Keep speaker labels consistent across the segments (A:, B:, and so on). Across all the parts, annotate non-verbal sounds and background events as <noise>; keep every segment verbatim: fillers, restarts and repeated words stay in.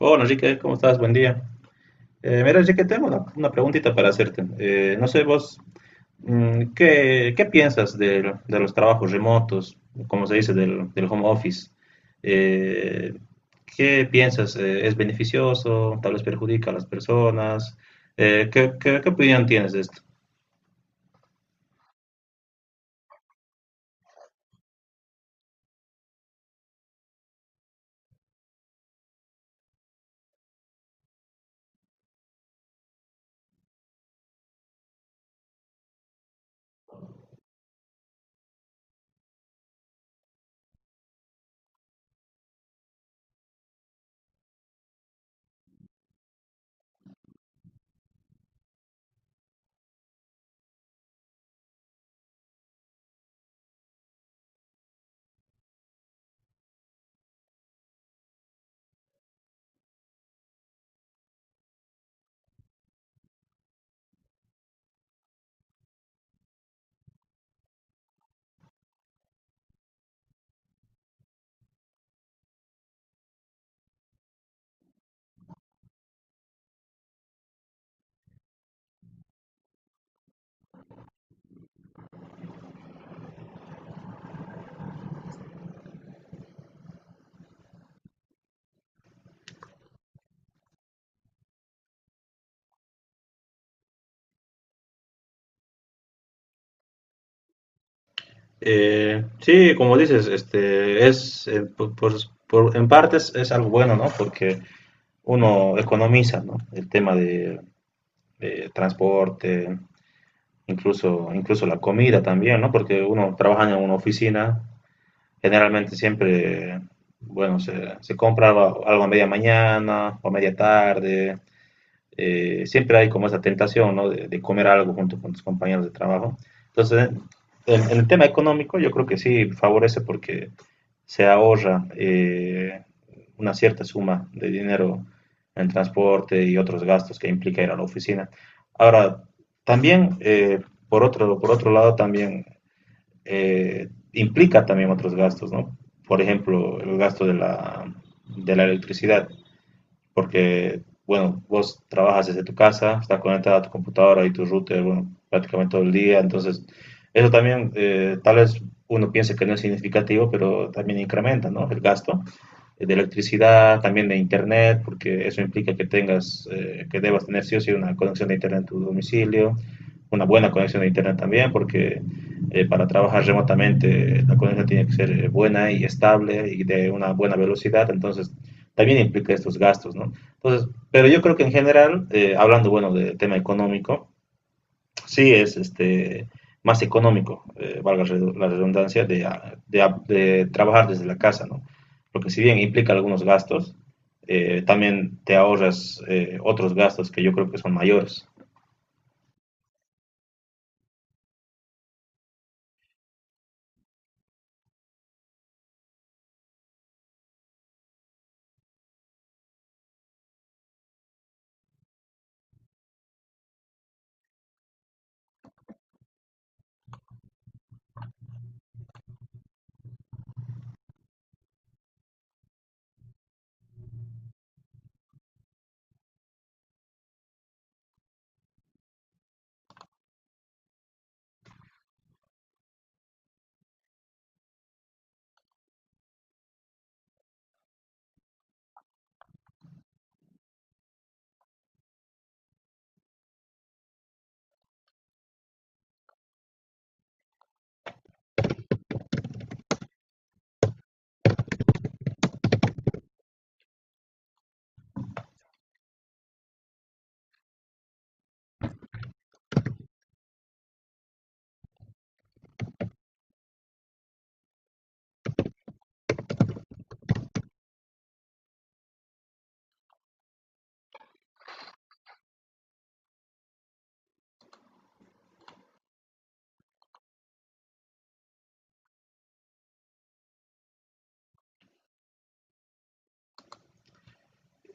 A: Hola Enrique, ¿cómo estás? Buen día. Eh, mira Enrique, tengo una, una preguntita para hacerte. Eh, no sé vos, mm, ¿qué, qué piensas de, de los trabajos remotos, como se dice, del, del home office? Eh, ¿Qué piensas? Eh, ¿es beneficioso? ¿Tal vez perjudica a las personas? Eh, ¿qué, qué- qué opinión tienes de esto? Eh, sí, como dices, este es, eh, por- por- por- en partes es algo bueno, ¿no? Porque uno economiza, ¿no? El tema de, eh, transporte, incluso, incluso la comida también, ¿no? Porque uno trabaja en una oficina, generalmente siempre, bueno, se, se compra algo, algo a media mañana o a media tarde, eh, siempre hay como esa tentación, ¿no? de, de, comer algo junto con tus compañeros de trabajo. Entonces, en, en, el tema económico yo creo que sí favorece porque se ahorra eh, una cierta suma de dinero en transporte y otros gastos que implica ir a la oficina. Ahora, también, eh, por, otro, por otro lado, también eh, implica también otros gastos, ¿no? Por ejemplo, el gasto de la, de la electricidad porque, bueno, vos trabajas desde tu casa, estás conectada a tu computadora y tu router, bueno, prácticamente todo el día. Entonces eso también, eh, tal vez uno piense que no es significativo, pero también incrementa, ¿no? El gasto eh, de electricidad, también de internet, porque eso implica que tengas, eh, que debas tener sí o sí una conexión de internet en tu domicilio, una buena conexión de internet también, porque eh, para trabajar remotamente la conexión tiene que ser eh, buena y estable y de una buena velocidad. Entonces también implica estos gastos, ¿no? Entonces, pero yo creo que en general, eh, hablando, bueno, del tema económico, sí es este más económico, eh, valga la redundancia, de, ah, de, ah, de, trabajar desde la casa, ¿no? Porque si bien implica algunos gastos, eh, también te ahorras eh, otros gastos que yo creo que son mayores.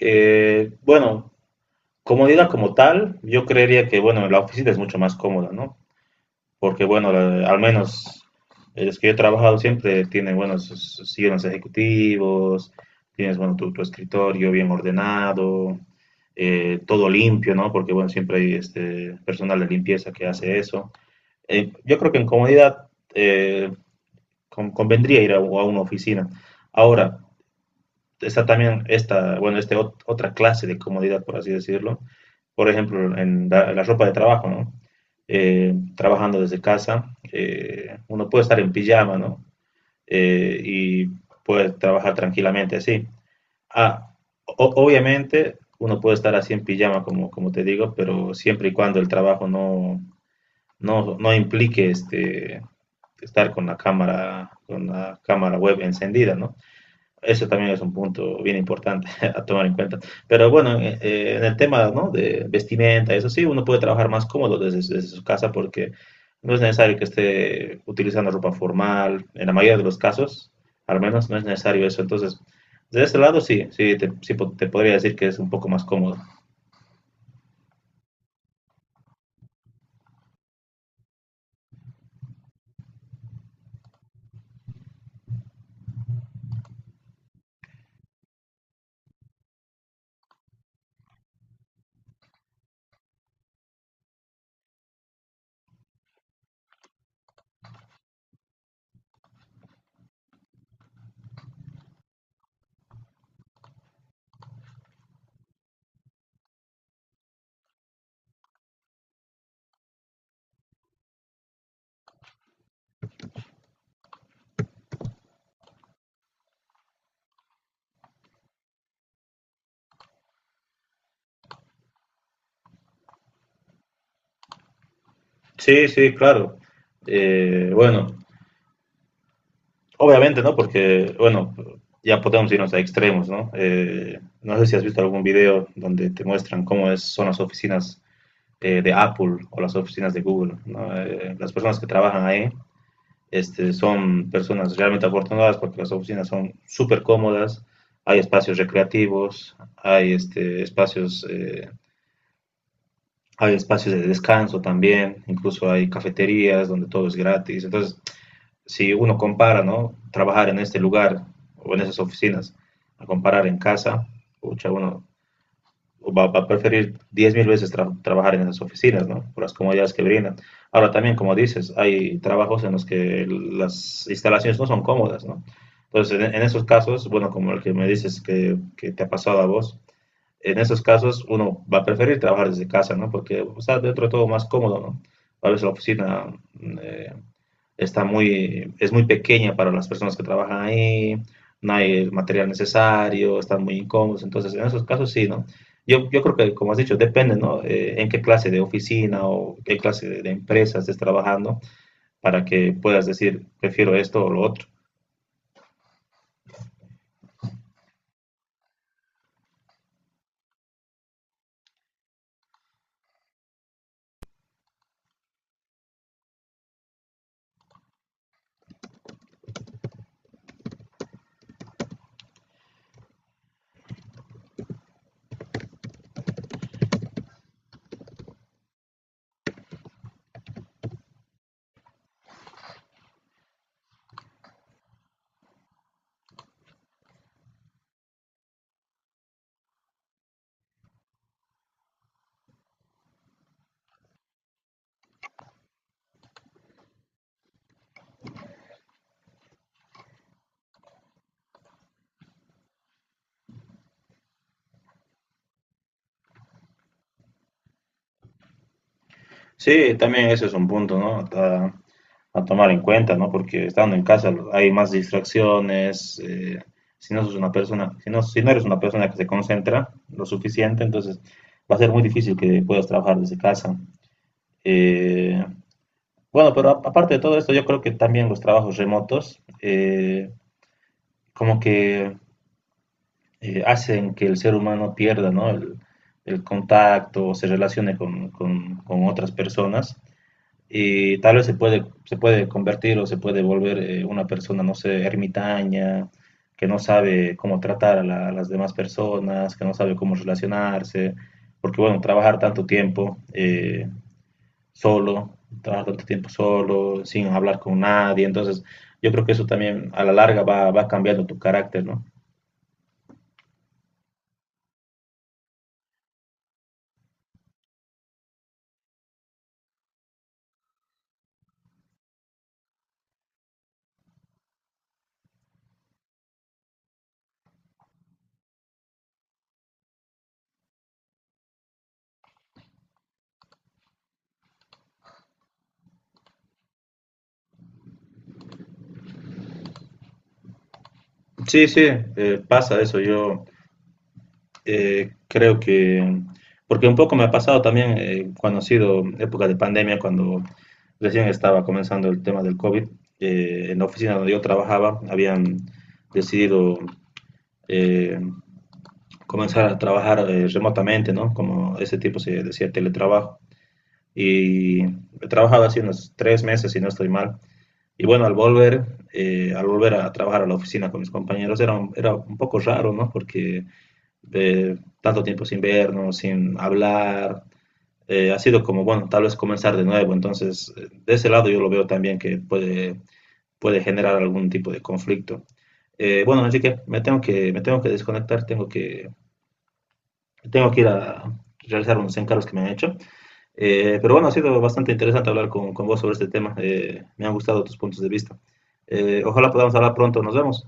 A: Eh, bueno, comodidad como tal, yo creería que, bueno, la oficina es mucho más cómoda, ¿no? Porque bueno, la- al menos eh, los que yo he trabajado siempre tienen buenos sus- sus sillones ejecutivos, tienes bueno tu, tu escritorio bien ordenado, eh, todo limpio, ¿no? Porque bueno, siempre hay este personal de limpieza que hace eso. Eh, yo creo que en comodidad eh, con- convendría ir a, a una oficina. Ahora, está también esta, bueno, este ot otra clase de comodidad, por así decirlo. Por ejemplo, en la, la ropa de trabajo, ¿no? Eh, trabajando desde casa, eh, uno puede estar en pijama, ¿no? Eh, y puede trabajar tranquilamente así. Ah, o- obviamente, uno puede estar así en pijama, como, como te digo, pero siempre y cuando el trabajo no, no, no implique este, estar con la cámara, con la cámara web encendida, ¿no? Eso también es un punto bien importante <laughs> a tomar en cuenta. Pero bueno, eh, eh, en el tema, ¿no? de vestimenta, eso sí, uno puede trabajar más cómodo desde, desde su casa porque no es necesario que esté utilizando ropa formal. En la mayoría de los casos, al menos, no es necesario eso. Entonces, de ese lado sí, sí, te, sí po- te podría decir que es un poco más cómodo. Sí, sí, claro. Eh, bueno, obviamente, ¿no? Porque, bueno, ya podemos irnos a extremos, ¿no? Eh, no sé si has visto algún video donde te muestran cómo es- son las oficinas eh, de Apple o las oficinas de Google, ¿no? Eh, las personas que trabajan ahí este, son personas realmente afortunadas porque las oficinas son súper cómodas, hay espacios recreativos, hay este, espacios, eh, hay espacios de descanso también, incluso hay cafeterías donde todo es gratis. Entonces, si uno compara, ¿no? Trabajar en este lugar o en esas oficinas, a comparar en casa, pucha, uno va, va a preferir diez mil veces tra- trabajar en esas oficinas, ¿no? Por las comodidades que brindan. Ahora también, como dices, hay trabajos en los que las instalaciones no son cómodas, ¿no? Entonces, en, en esos casos, bueno, como el que me dices que, que te ha pasado a vos, en esos casos uno va a preferir trabajar desde casa, ¿no? Porque está dentro de todo más cómodo, ¿no? A veces la oficina eh, está muy, es muy pequeña para las personas que trabajan ahí, no hay el material necesario, están muy incómodos, entonces en esos casos sí, ¿no? Yo, yo creo que, como has dicho, depende, ¿no? Eh, en qué clase de oficina o qué clase de, de empresa estés trabajando para que puedas decir, prefiero esto o lo otro. Sí, también ese es un punto, ¿no? A, a tomar en cuenta, ¿no? Porque estando en casa lo- hay más distracciones. Eh, si no sos una persona, si no, si no eres una persona que se concentra lo suficiente, entonces va a ser muy difícil que puedas trabajar desde casa. Eh, bueno, pero a- aparte de todo esto, yo creo que también los trabajos remotos eh, como que eh, hacen que el ser humano pierda, ¿no? El, el contacto, o se relacione con, con con otras personas. Y tal vez se puede, se puede convertir o se puede volver eh, una persona, no sé, ermitaña, que no sabe cómo tratar a, la- a las demás personas, que no sabe cómo relacionarse, porque bueno, trabajar tanto tiempo eh, solo, trabajar tanto tiempo solo, sin hablar con nadie, entonces yo creo que eso también a la larga va, va cambiando tu carácter, ¿no? Sí, sí, eh, pasa eso, yo... Eh, creo que, porque un poco me ha pasado también eh, cuando ha sido época de pandemia, cuando recién estaba comenzando el tema del COVID, eh, en la oficina donde yo trabajaba habían decidido eh, comenzar a trabajar eh, remotamente, ¿no? Como ese tipo se decía, teletrabajo. Y he trabajado así unos tres meses, si no estoy mal. Y bueno, al volver, eh, al volver a trabajar a la oficina con mis compañeros, era un, era un poco raro, ¿no? Porque de tanto tiempo sin vernos, sin hablar, eh, ha sido como, bueno, tal vez comenzar de nuevo. Entonces, eh, de ese lado yo lo veo también que puede, puede generar algún tipo de conflicto. Eh, bueno, Enrique, me tengo que, me tengo que desconectar, tengo que, tengo que ir a realizar unos encargos que me han hecho. Eh, pero bueno, ha sido bastante interesante hablar con, con vos sobre este tema. Eh, me han gustado tus puntos de vista. Eh, ojalá podamos hablar pronto. Nos vemos.